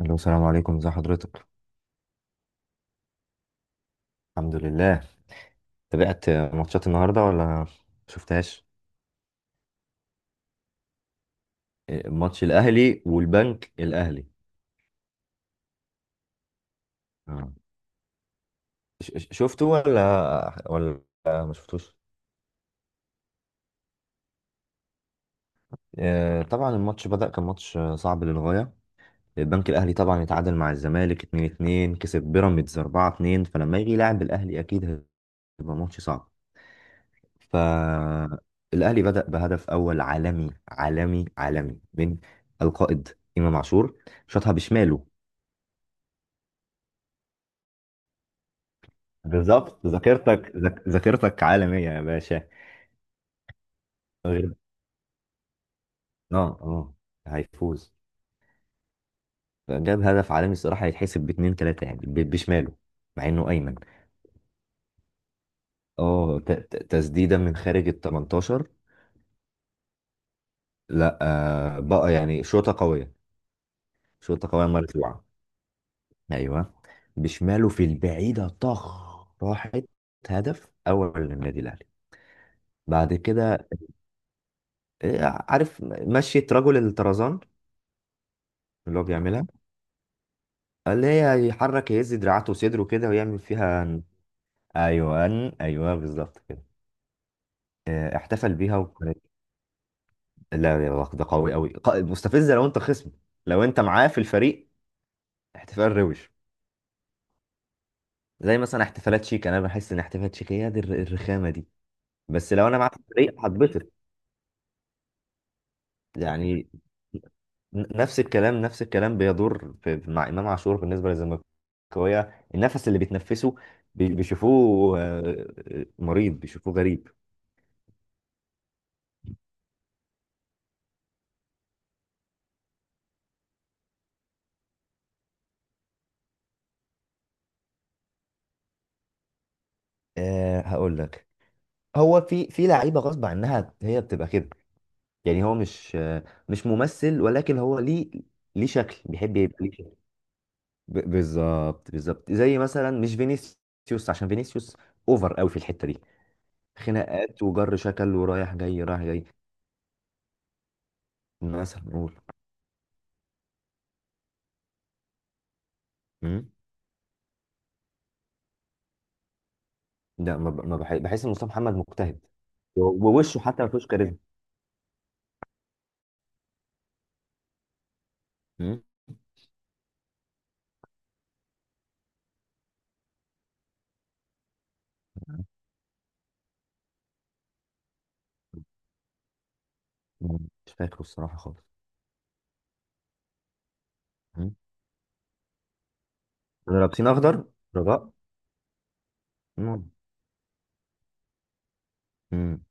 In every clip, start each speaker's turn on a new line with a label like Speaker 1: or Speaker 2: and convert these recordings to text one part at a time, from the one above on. Speaker 1: الو، السلام عليكم، ازي حضرتك؟ الحمد لله. تابعت ماتشات النهارده ولا شفتهاش؟ إيه، ماتش الاهلي والبنك الاهلي. آه. شفته ولا ولا ما شفتوش؟ طبعا الماتش بدأ، كان ماتش صعب للغايه. البنك الاهلي طبعا اتعادل مع الزمالك 2-2، كسب بيراميدز 4-2، فلما يجي يلعب الاهلي اكيد هيبقى ماتش صعب. فالاهلي بدأ بهدف اول عالمي عالمي عالمي من القائد امام عاشور، شاطها بشماله. بالظبط، ذاكرتك ذاكرتك عالمية يا باشا. غير. اه اه هيفوز. جاب هدف عالمي، الصراحة هيتحسب باتنين تلاتة يعني، بشماله، مع انه ايمن. اه تسديدة من خارج ال 18. لا، آه بقى، يعني شوطة قوية. شوطة قوية مرفوعة. ايوه. بشماله في البعيدة، طخ، راحت. هدف اول للنادي الاهلي. بعد كده، إيه، عارف مشية رجل الطرزان، اللي هو بيعملها، اللي هي يحرك، يهز دراعاته وصدره كده، ويعمل فيها ايوه، ايوه بالظبط كده. احتفل بيها وكانت، لا يا الله، ده قوي قوي، مستفزه لو انت خصم، لو انت معاه في الفريق احتفال روش. زي مثلا احتفالات شيك، انا بحس ان احتفالات شيك هي دي الرخامه دي. بس لو انا معاه في الفريق هتبسط. يعني، نفس الكلام، نفس الكلام بيدور مع امام عاشور بالنسبه للزملكاويه، النفس اللي بيتنفسه بيشوفوه مريض، بيشوفوه غريب. أه، هقول لك. هو في لعيبه غصب عنها هي بتبقى كده، يعني هو مش ممثل، ولكن هو ليه، ليه شكل، بيحب يبقى ليه شكل. بالظبط بالظبط. زي مثلا مش فينيسيوس، عشان فينيسيوس اوفر قوي في الحته دي، خناقات وجر شكل ورايح جاي، رايح جاي. مثلا نقول. مم؟ لا، ما ب- ما بح- بحس ان مصطفى محمد مجتهد، ووشه حتى ما فيهوش كاريزما. مم؟ مم. مش فاكره الصراحه خالص. مم؟ رابطين اخضر، رجاء. مم. مم.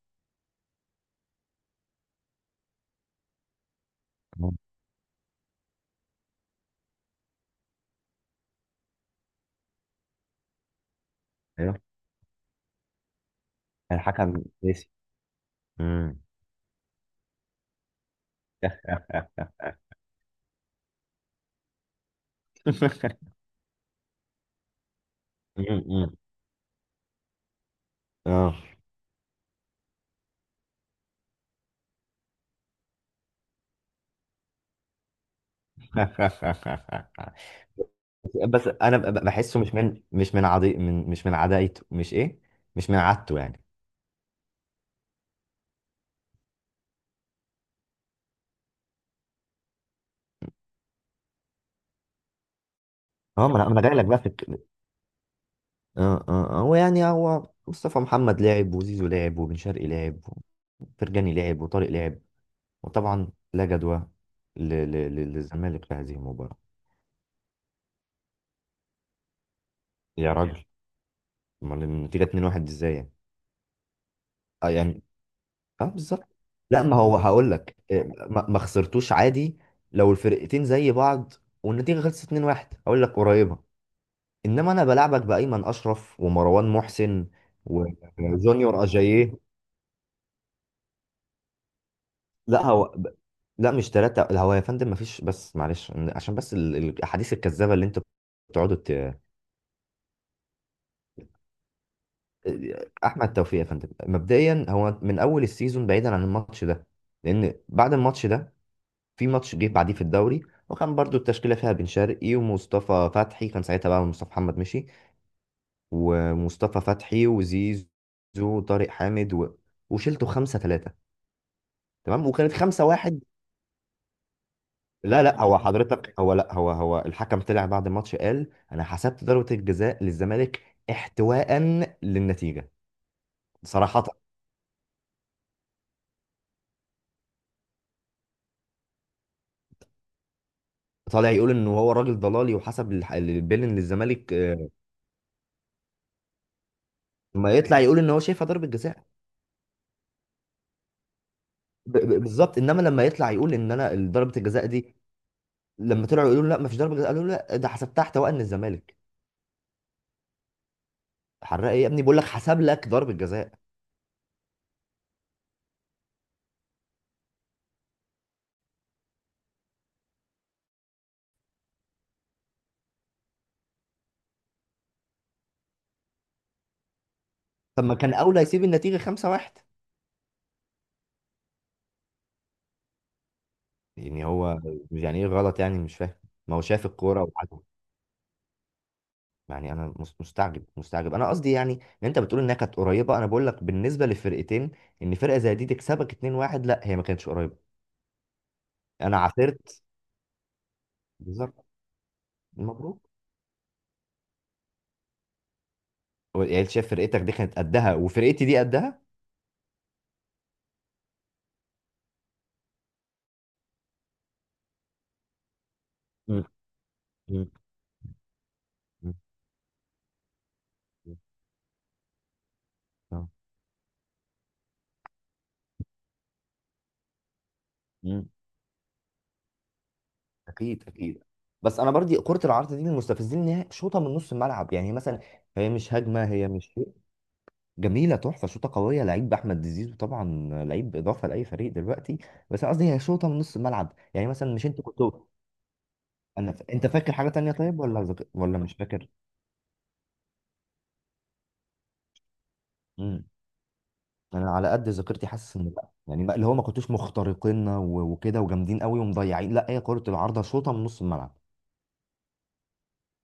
Speaker 1: مم. ايوه. الحكم. مم. مم. مم. اه. بس انا بحسه مش من، مش من عضي، من مش من عدايته، مش ايه، مش من عادته يعني. اه، ما انا، ما أنا جاي لك بقى في اه آه. هو يعني، هو مصطفى محمد لعب، وزيزو لعب، وبن شرقي لعب، وفرجاني لعب، وطارق لعب، وطبعا لا جدوى للزمالك في هذه المباراة. يا راجل، امال النتيجة 2-1 ازاي يعني؟ اه يعني. اه بالظبط. لا، ما هو هقول لك، إيه، ما خسرتوش عادي. لو الفرقتين زي بعض والنتيجه خلصت 2-1 هقول لك قريبه، انما انا بلعبك بايمن اشرف ومروان محسن وجونيور. اجاييه. لا، لا، مش ثلاثه، لا هو يا فندم ما فيش، بس معلش عشان بس الاحاديث الكذابه اللي انتوا بتقعدوا ت... آه، احمد توفيق يا فندم، مبدئيا هو من اول السيزون بعيدا عن الماتش ده، لان بعد الماتش ده في ماتش جه بعديه في الدوري، وكان برضو التشكيلة فيها بن شرقي ومصطفى فتحي، كان ساعتها بقى مصطفى محمد مشي، ومصطفى فتحي وزيزو وطارق حامد و... وشلته خمسة ثلاثة، تمام، وكانت خمسة واحد. لا، هو الحكم طلع بعد الماتش قال أنا حسبت ضربة الجزاء للزمالك احتواء للنتيجة. صراحة طالع يقول إن هو راجل ضلالي، وحسب البيلن للزمالك. آه، ما يطلع يقول إن هو شايفها ضربة جزاء. بالظبط. انما لما يطلع يقول ان انا ضربه الجزاء دي، لما طلعوا يقولوا لا مفيش ضربه جزاء، قالوا لا ده حسبتها احتواء ان الزمالك. حرق ايه يا ابني؟ بقول لك حسب لك ضربه جزاء. طب ما كان اولى يسيب النتيجه 5-1 يعني. هو يعني ايه غلط؟ يعني مش فاهم، ما هو شايف الكوره وعجبه. يعني انا مستعجب، مستعجب. انا قصدي يعني، ان انت بتقول انها كانت قريبه، انا بقول لك بالنسبه للفرقتين، ان فرقه زي دي تكسبك 2-1، لا هي ما كانتش قريبه. انا عثرت، بالظبط. مبروك. يعني أنت شايف فرقتك دي كانت قدها، وفرقتي دي قدها. مم. مم. آه. مم. اكيد اكيد. بس انا برضي كرة العرض دي من المستفزين، ان هي شوطة من نص الملعب يعني، هي مثلا، هي مش هجمة، هي مش شيء. جميلة، تحفة، شوطة قوية، لعيب احمد زيزو طبعا، لعيب اضافة لاي فريق دلوقتي. بس أنا قصدي هي شوطة من نص الملعب، يعني مثلا مش انت كنت. انا ف... انت فاكر حاجة تانية طيب، ولا ذك... ولا مش فاكر؟ امم انا على قد ذاكرتي حاسس ان لا، يعني اللي هو ما كنتوش مخترقين و... وكده وجامدين قوي ومضيعين. لا، هي كرة العارضة شوطة من نص الملعب.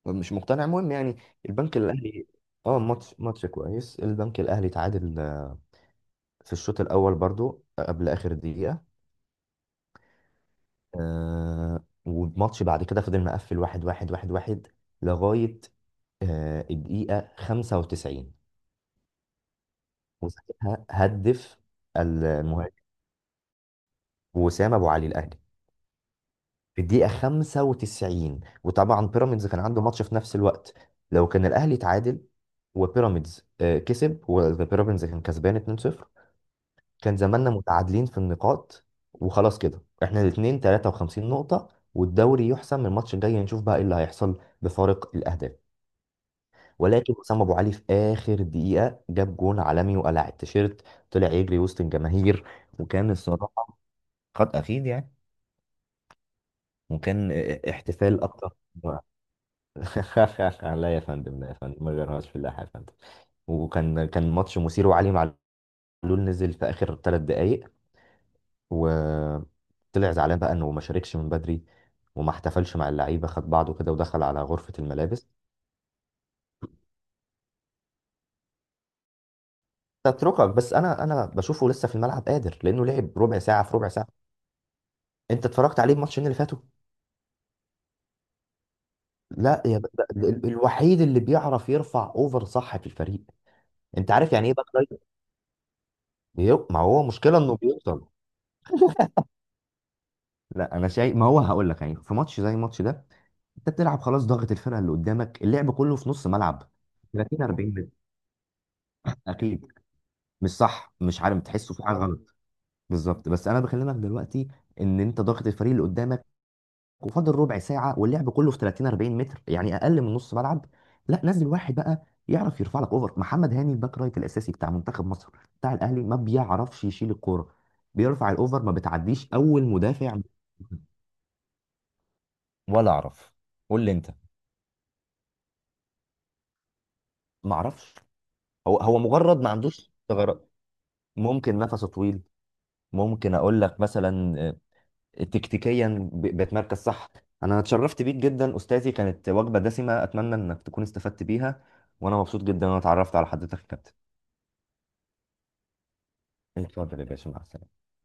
Speaker 1: مش مقتنع، المهم يعني. البنك الاهلي. اه، ماتش، ماتش كويس، البنك الاهلي تعادل في الشوط الاول برضو، قبل اخر دقيقه. والماتش بعد كده فضل مقفل واحد واحد واحد واحد لغايه الدقيقه 95، وساعتها هدف المهاجم وسام ابو علي الاهلي في الدقيقه 95. وطبعا بيراميدز كان عنده ماتش في نفس الوقت، لو كان الاهلي تعادل وبيراميدز كسب، وبيراميدز كان كسبان 2-0، كان زماننا متعادلين في النقاط، وخلاص كده احنا الاثنين 53 نقطة، والدوري يحسم الماتش الجاي، نشوف بقى ايه اللي هيحصل بفارق الأهداف. ولكن حسام أبو علي في آخر دقيقة جاب جون عالمي وقلع التيشيرت، طلع يجري وسط الجماهير. وكان الصراحة، خد أخيد يعني، وكان احتفال أكتر. لا يا فندم، لا يا فندم، ما غيرهاش في الله يا فندم. وكان، كان ماتش مثير. وعلي معلول نزل في آخر ثلاث دقايق، وطلع زعلان بقى انه ما شاركش من بدري، وما احتفلش مع اللعيبه، خد بعضه كده ودخل على غرفه الملابس. تتركك. بس انا، انا بشوفه لسه في الملعب قادر، لانه لعب ربع ساعه في ربع ساعه، انت اتفرجت عليه الماتشين اللي فاتوا. لا يا ب... الوحيد اللي بيعرف يرفع اوفر صح في الفريق. انت عارف يعني ايه باك رايت؟ ما هو مشكله انه بيوصل. لا انا شايف، ما هو هقول لك، يعني في ماتش زي الماتش ده، انت بتلعب خلاص، ضاغط الفرقه اللي قدامك، اللعب كله في نص ملعب، 30 40 متر، اكيد. مش صح، مش عارف، بتحسه في حاجه غلط. بالظبط. بس انا بكلمك دلوقتي، ان انت ضاغط الفريق اللي قدامك، وفاضل ربع ساعه، واللعب كله في 30 40 متر، يعني اقل من نص ملعب. لا نزل واحد بقى يعرف يرفع لك اوفر. محمد هاني الباك رايت الاساسي بتاع منتخب مصر، بتاع الاهلي، ما بيعرفش يشيل الكوره، بيرفع الاوفر ما بتعديش اول مدافع. ولا اعرف، قول لي انت. ما اعرفش، هو هو مجرد ما عندوش ثغرات. ممكن نفسه طويل. ممكن اقول لك مثلا تكتيكيا بتمركز صح. انا اتشرفت بيك جدا استاذي، كانت وجبه دسمه، اتمنى انك تكون استفدت بيها، وانا مبسوط جدا ان انا اتعرفت على حضرتك يا كابتن. اتفضل يا باشا، مع السلامه.